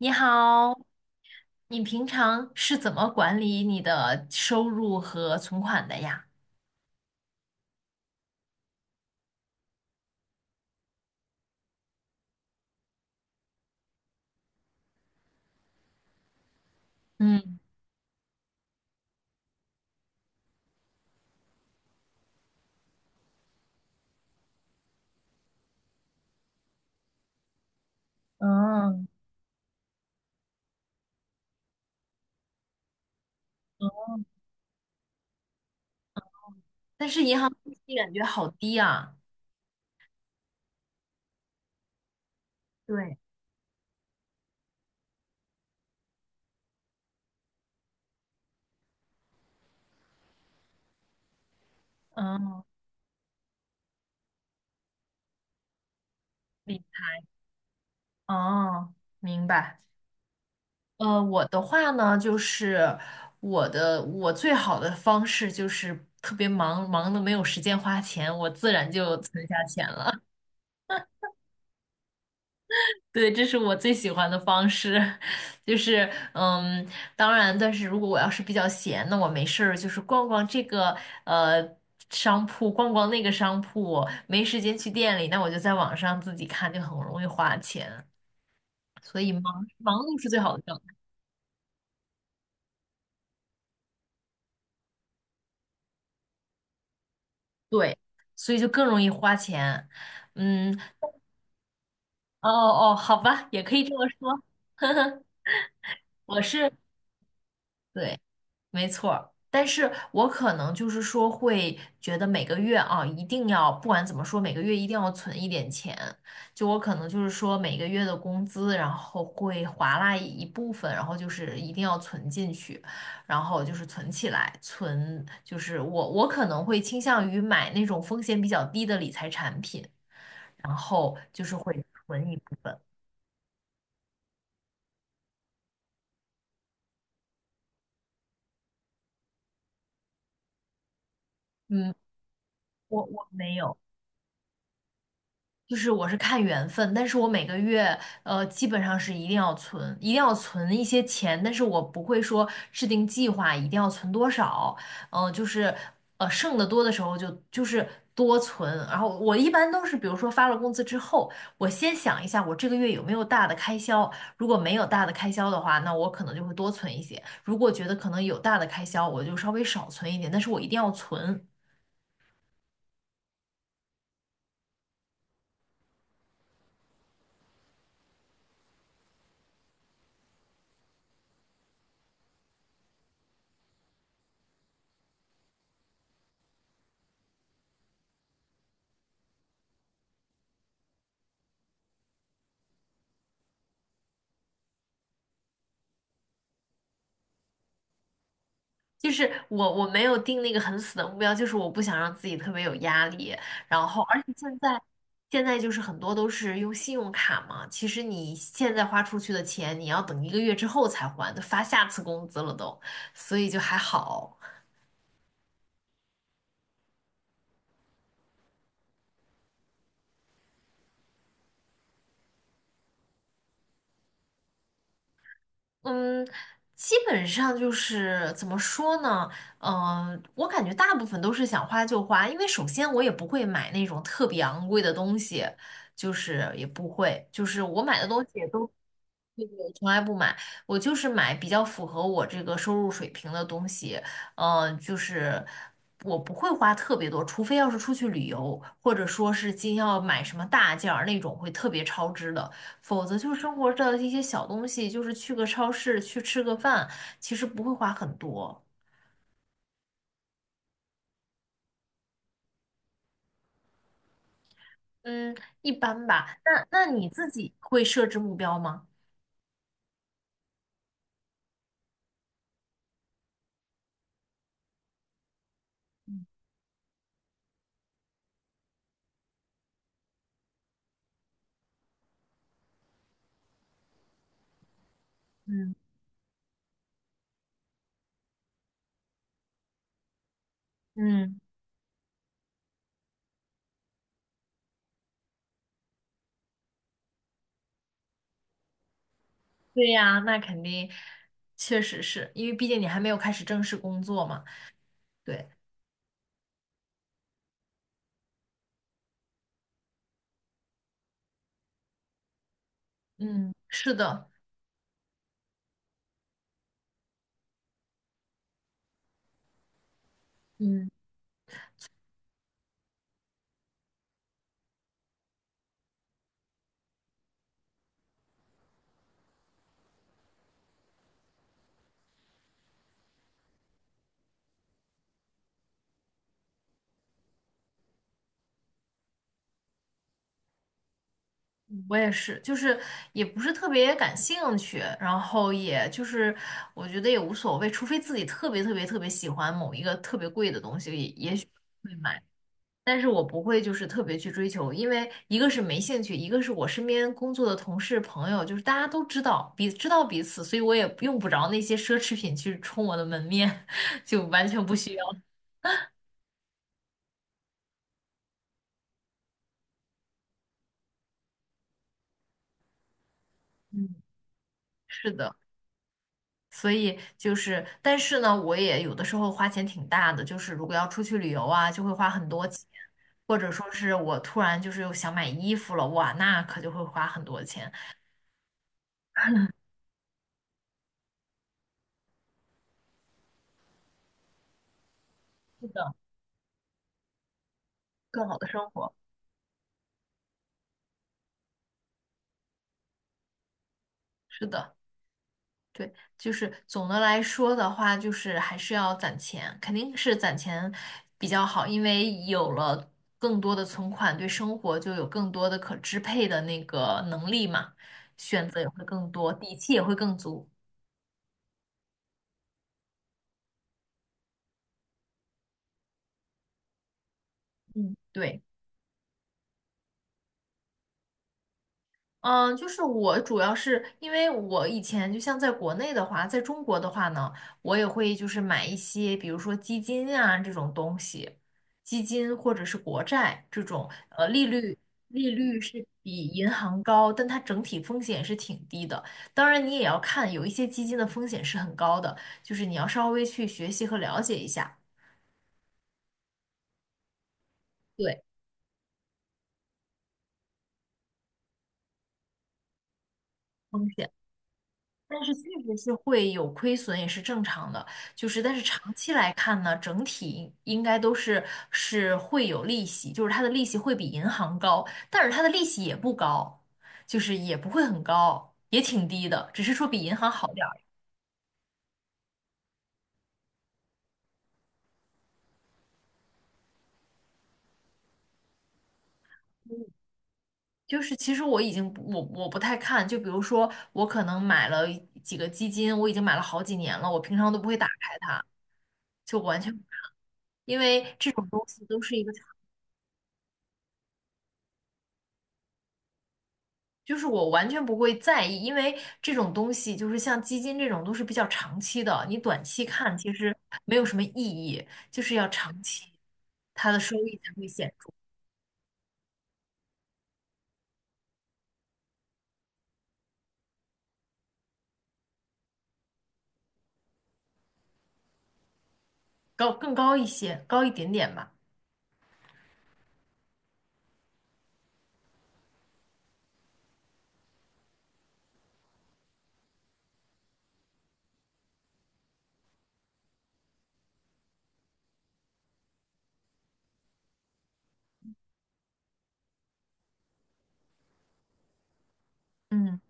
你好，你平常是怎么管理你的收入和存款的呀？嗯，嗯，哦但是银行利息感觉好低啊。对，嗯，理哦，明白。我的话呢，就是我最好的方式就是特别忙，忙的没有时间花钱，我自然就存下钱了。对，这是我最喜欢的方式，就是嗯，当然，但是如果我要是比较闲，那我没事儿就是逛逛这个呃商铺，逛逛那个商铺，没时间去店里，那我就在网上自己看，就很容易花钱，所以忙碌是最好的状态，对，所以就更容易花钱，嗯，哦哦，好吧，也可以这么说，呵呵，我是。对。没错儿，但是我可能就是说会觉得每个月啊，一定要不管怎么说，每个月一定要存一点钱。就我可能就是说每个月的工资，然后会划拉一部分，然后就是一定要存进去，然后就是存起来，就是我可能会倾向于买那种风险比较低的理财产品，然后就是会存一部分。嗯，我没有。就是我是看缘分，但是我每个月基本上是一定要存，一定要存一些钱，但是我不会说制定计划一定要存多少，嗯、就是剩的多的时候就是多存，然后我一般都是比如说发了工资之后，我先想一下我这个月有没有大的开销，如果没有大的开销的话，那我可能就会多存一些，如果觉得可能有大的开销，我就稍微少存一点，但是我一定要存。就是我没有定那个很死的目标，就是我不想让自己特别有压力。然后，而且现在就是很多都是用信用卡嘛，其实你现在花出去的钱，你要等一个月之后才还，都发下次工资了都，所以就还好。嗯，基本上就是怎么说呢？嗯、我感觉大部分都是想花就花，因为首先我也不会买那种特别昂贵的东西，就是也不会，就是我买的东西也都。我从来不买，我就是买比较符合我这个收入水平的东西。嗯、就是我不会花特别多，除非要是出去旅游，或者说是今要买什么大件儿那种会特别超支的，否则就是生活的一些小东西，就是去个超市去吃个饭，其实不会花很多。嗯，一般吧。那那你自己会设置目标吗？嗯嗯，对呀，那肯定，确实是因为毕竟你还没有开始正式工作嘛。对，嗯是的，嗯我也是，就是也不是特别感兴趣，然后也就是我觉得也无所谓，除非自己特别特别特别喜欢某一个特别贵的东西，也也许会买，但是我不会就是特别去追求，因为一个是没兴趣，一个是我身边工作的同事朋友，就是大家都知道知道彼此，所以我也不着那些奢侈品去冲我的门面，就完全不需要。嗯，是的。所以就是，但是呢，我也有的时候花钱挺大的，就是如果要出去旅游啊，就会花很多钱，或者说是我突然就是又想买衣服了，哇，那可就会花很多钱。是的，更好的生活。是的，对，就是总的来说的话，就是还是要攒钱，肯定是攒钱比较好，因为有了更多的存款，对生活就有更多的可支配的那个能力嘛，选择也会更多，底气也会更足。嗯，对。嗯，就是我主要是因为我以前就像在国内的话，在中国的话呢，我也会就是买一些，比如说基金啊这种东西，基金或者是国债这种，利率利率是比银行高，但它整体风险是挺低的。当然，你也要看有一些基金的风险是很高的，就是你要稍微去学习和了解一下，对，风险。但是确实是会有亏损，也是正常的。就是，但是长期来看呢，整体应该都是是会有利息，就是它的利息会比银行高，但是它的利息也不高，就是也不会很高，也挺低的，只是说比银行好点儿。就是其实我已经不我不太看，就比如说我可能买了几个基金，我已经买了好几年了，我平常都不会打开，就完全。不看，因为这种东西都是一个就是我完全不会在意，因为这种东西就是像基金这种都是比较长期的，你短期看其实没有什么意义，就是要长期，它的收益才会显著，高，更高一些，高一点点吧。嗯，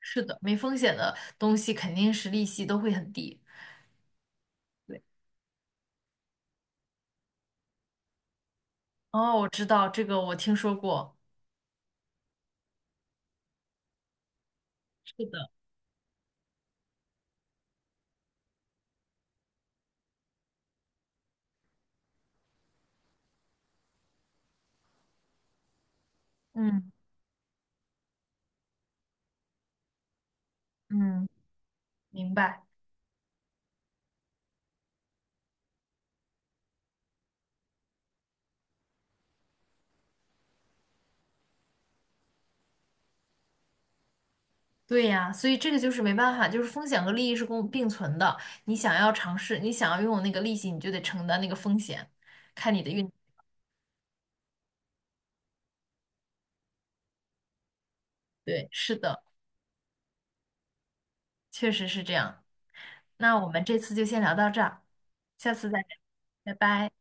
是的，没风险的东西肯定是利息都会很低。对，哦，我知道这个，我听说过。是的，嗯嗯，明白。对呀，所以这个就是没办法，就是风险和利益是共并存的。你想要尝试，你想要拥有那个利息，你就得承担那个风险，看你的运。对，是的，确实是这样。那我们这次就先聊到这儿，下次再聊，拜拜。